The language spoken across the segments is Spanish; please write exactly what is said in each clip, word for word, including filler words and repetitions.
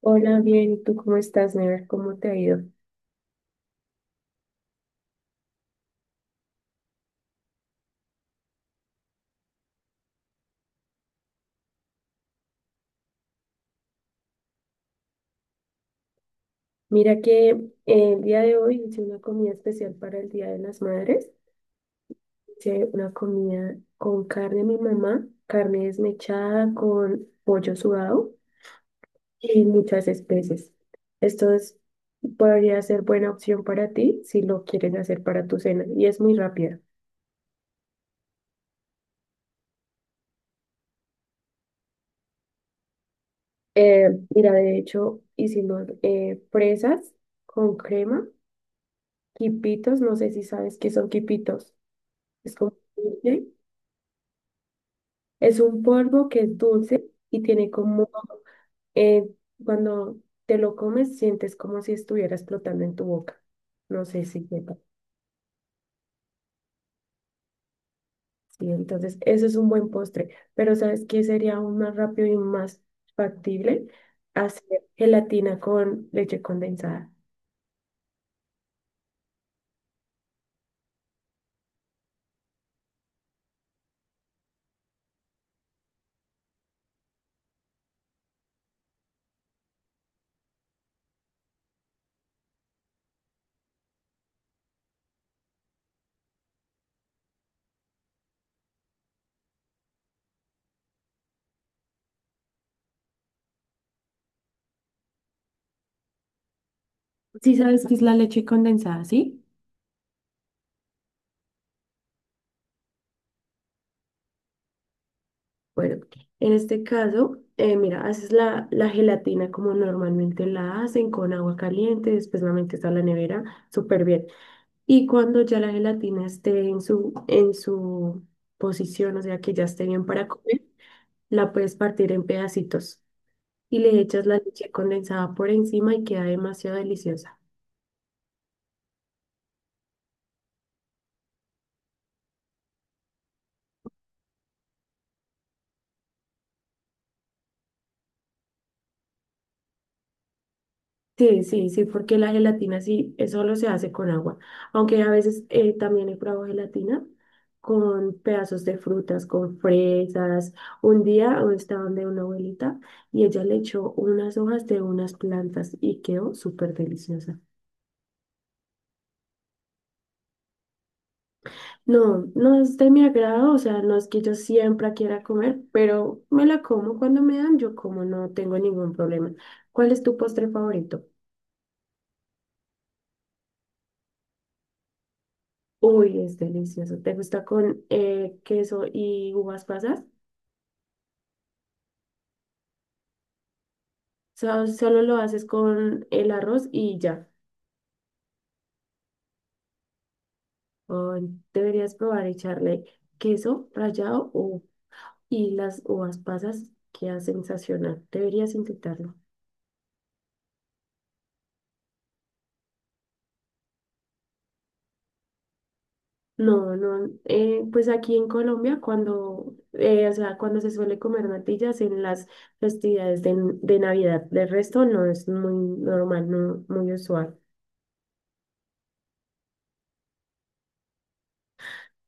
Hola, bien, ¿y tú cómo estás, Never? ¿Cómo te ha ido? Mira que eh, el día de hoy hice una comida especial para el Día de las Madres. Hice una comida con carne de mi mamá, carne desmechada con pollo sudado y muchas especies. Esto es- Podría ser buena opción para ti si lo quieres hacer para tu cena y es muy rápida. Eh, Mira, de hecho, hicimos eh, fresas con crema, quipitos, no sé si sabes qué son quipitos. Es como... Es un polvo que es dulce y tiene como, eh, cuando te lo comes, sientes como si estuviera explotando en tu boca. No sé si sepa. Sí, entonces, eso es un buen postre. Pero ¿sabes qué sería aún más rápido y más factible? Hacer gelatina con leche condensada. Sí, sabes qué es la leche condensada, ¿sí? Bueno, en este caso, eh, mira, haces la, la gelatina como normalmente la hacen, con agua caliente, después la metes a la nevera, súper bien. Y cuando ya la gelatina esté en su, en su posición, o sea que ya esté bien para comer, la puedes partir en pedacitos y le echas la leche condensada por encima y queda demasiado deliciosa. Sí, sí, sí, porque la gelatina sí eh, solo se hace con agua, aunque a veces eh, también he probado gelatina con pedazos de frutas, con fresas. Un día eh, estaba donde una abuelita y ella le echó unas hojas de unas plantas y quedó súper deliciosa. No, no es de mi agrado, o sea, no es que yo siempre quiera comer, pero me la como cuando me dan, yo como no tengo ningún problema. ¿Cuál es tu postre favorito? Uy, es delicioso. ¿Te gusta con eh, queso y uvas pasas? So- solo lo haces con el arroz y ya. Ay, deberías probar echarle queso rallado u- y las uvas pasas, queda sensacional. Deberías intentarlo. No, no, eh, pues aquí en Colombia cuando, eh, o sea, cuando se suele comer natillas en las festividades de, de Navidad, de resto no es muy normal, no muy usual.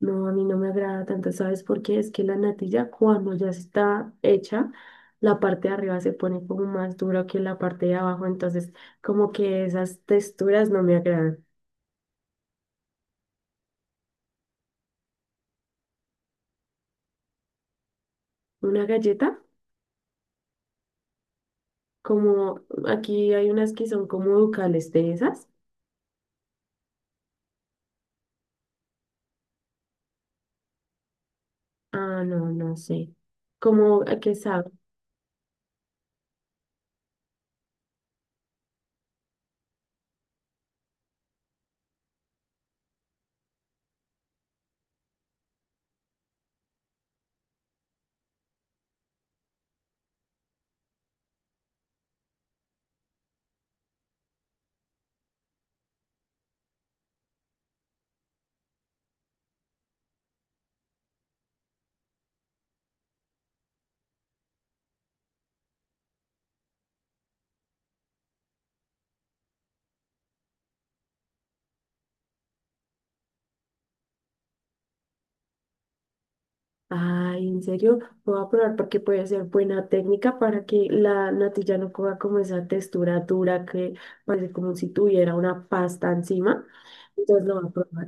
No, a mí no me agrada tanto, ¿sabes por qué? Es que la natilla cuando ya está hecha, la parte de arriba se pone como más dura que la parte de abajo, entonces como que esas texturas no me agradan. Una galleta, como aquí hay unas que son como ducales de esas. Ah, no, no sé. ¿Cómo a qué sabe? Ay, en serio, lo voy a probar porque puede ser buena técnica para que la natilla no coja como esa textura dura que parece como si tuviera una pasta encima. Entonces lo voy a probar.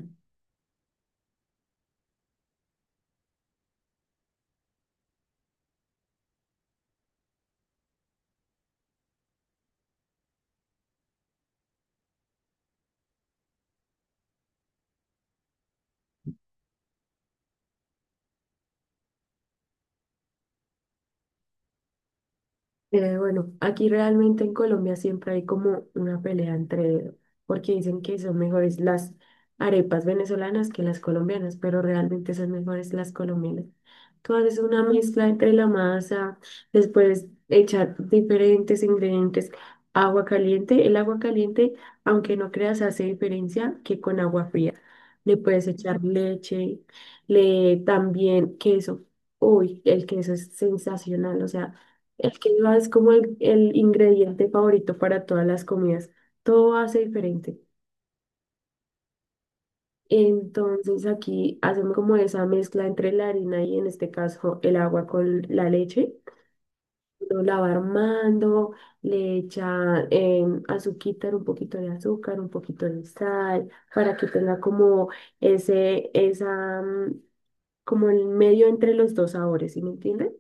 Eh, bueno, aquí realmente en Colombia siempre hay como una pelea entre, porque dicen que son mejores las arepas venezolanas que las colombianas, pero realmente son mejores las colombianas. Tú haces una mezcla entre la masa, después echar diferentes ingredientes, agua caliente. El agua caliente, aunque no creas, hace diferencia que con agua fría. Le puedes echar leche, le también queso. Uy, el queso es sensacional, o sea. El quinoa es como el, el ingrediente favorito para todas las comidas. Todo hace diferente. Entonces aquí hacemos como esa mezcla entre la harina y en este caso el agua con la leche. Lo la va armando, le echa em, azuquita, un poquito de azúcar, un poquito de sal, para que tenga como ese, esa, mm, como el medio entre los dos sabores, ¿sí me entiendes?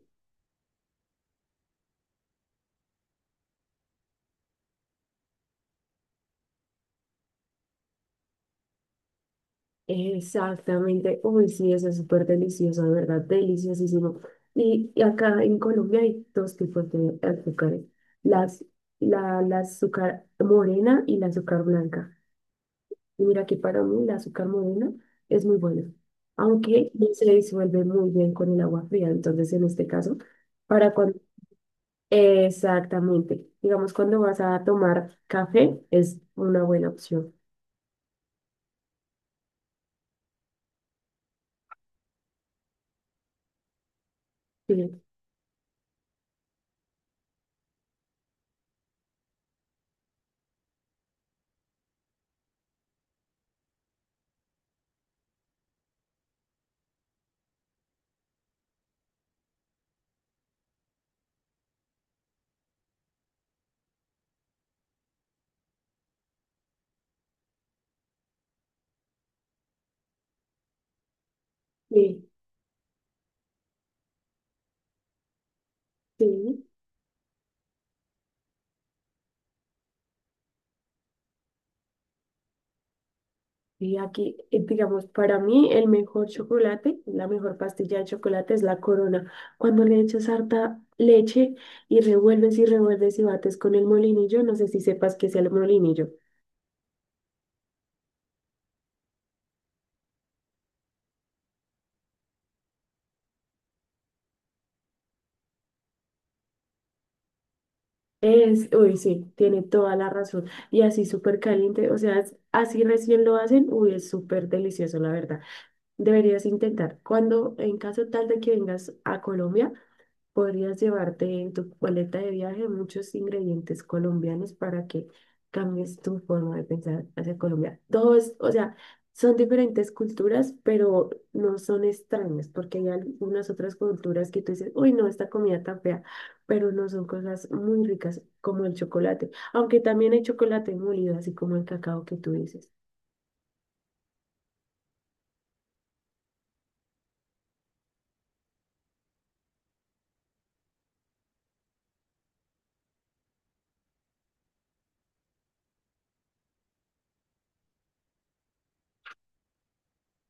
Exactamente. Uy, sí, eso es súper delicioso, de verdad, deliciosísimo. Y, y acá en Colombia hay dos tipos de azúcares, las, la, la azúcar morena y la azúcar blanca. Y mira que para mí la azúcar morena es muy buena, aunque no se disuelve muy bien con el agua fría. Entonces, en este caso, para cuando... Exactamente. Digamos, cuando vas a tomar café, es una buena opción. Sí, sí, sí. Y aquí, eh, digamos, para mí el mejor chocolate, la mejor pastilla de chocolate es la Corona. Cuando le echas harta leche y revuelves y revuelves y bates con el molinillo, no sé si sepas qué es el molinillo. Es, uy, sí, tiene toda la razón. Y así súper caliente, o sea, es- así recién lo hacen, uy, es súper delicioso, la verdad. Deberías intentar. Cuando, en caso tal de que vengas a Colombia, podrías llevarte en tu paleta de viaje muchos ingredientes colombianos para que cambies tu forma de pensar hacia Colombia. Dos, o sea, son diferentes culturas, pero no son extrañas, porque hay algunas otras culturas que tú dices, uy, no, esta comida tan fea, pero no son cosas muy ricas como el chocolate, aunque también hay chocolate molido, así como el cacao que tú dices.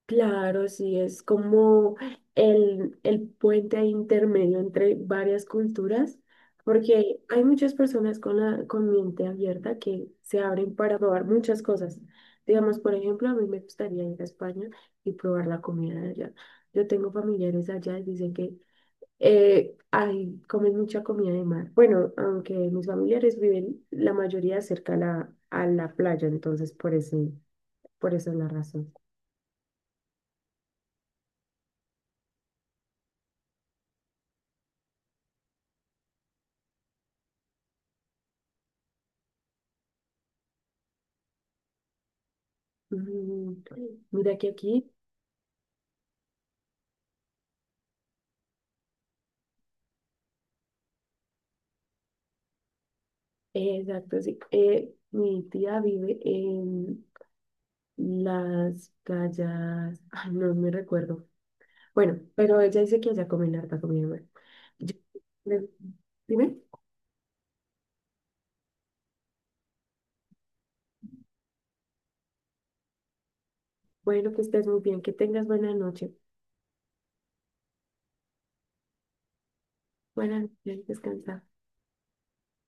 Claro, sí, es como el, el puente ahí intermedio entre varias culturas, porque hay muchas personas con la con mente abierta que se abren para probar muchas cosas. Digamos, por ejemplo, a mí me gustaría ir a España y probar la comida de allá. Yo tengo familiares allá y dicen que eh, hay, comen mucha comida de mar. Bueno, aunque mis familiares viven la mayoría cerca a la, a la playa, entonces por eso, por eso es la razón. Mm, Mira que aquí, eh, exacto, sí. Eh, mi tía vive en las playas, ay, no me recuerdo. Bueno, pero ella dice que allá comen harta comida buena. Yo- le- Dime, bueno, que estés muy bien, que tengas buena noche. Buenas noches, descansa.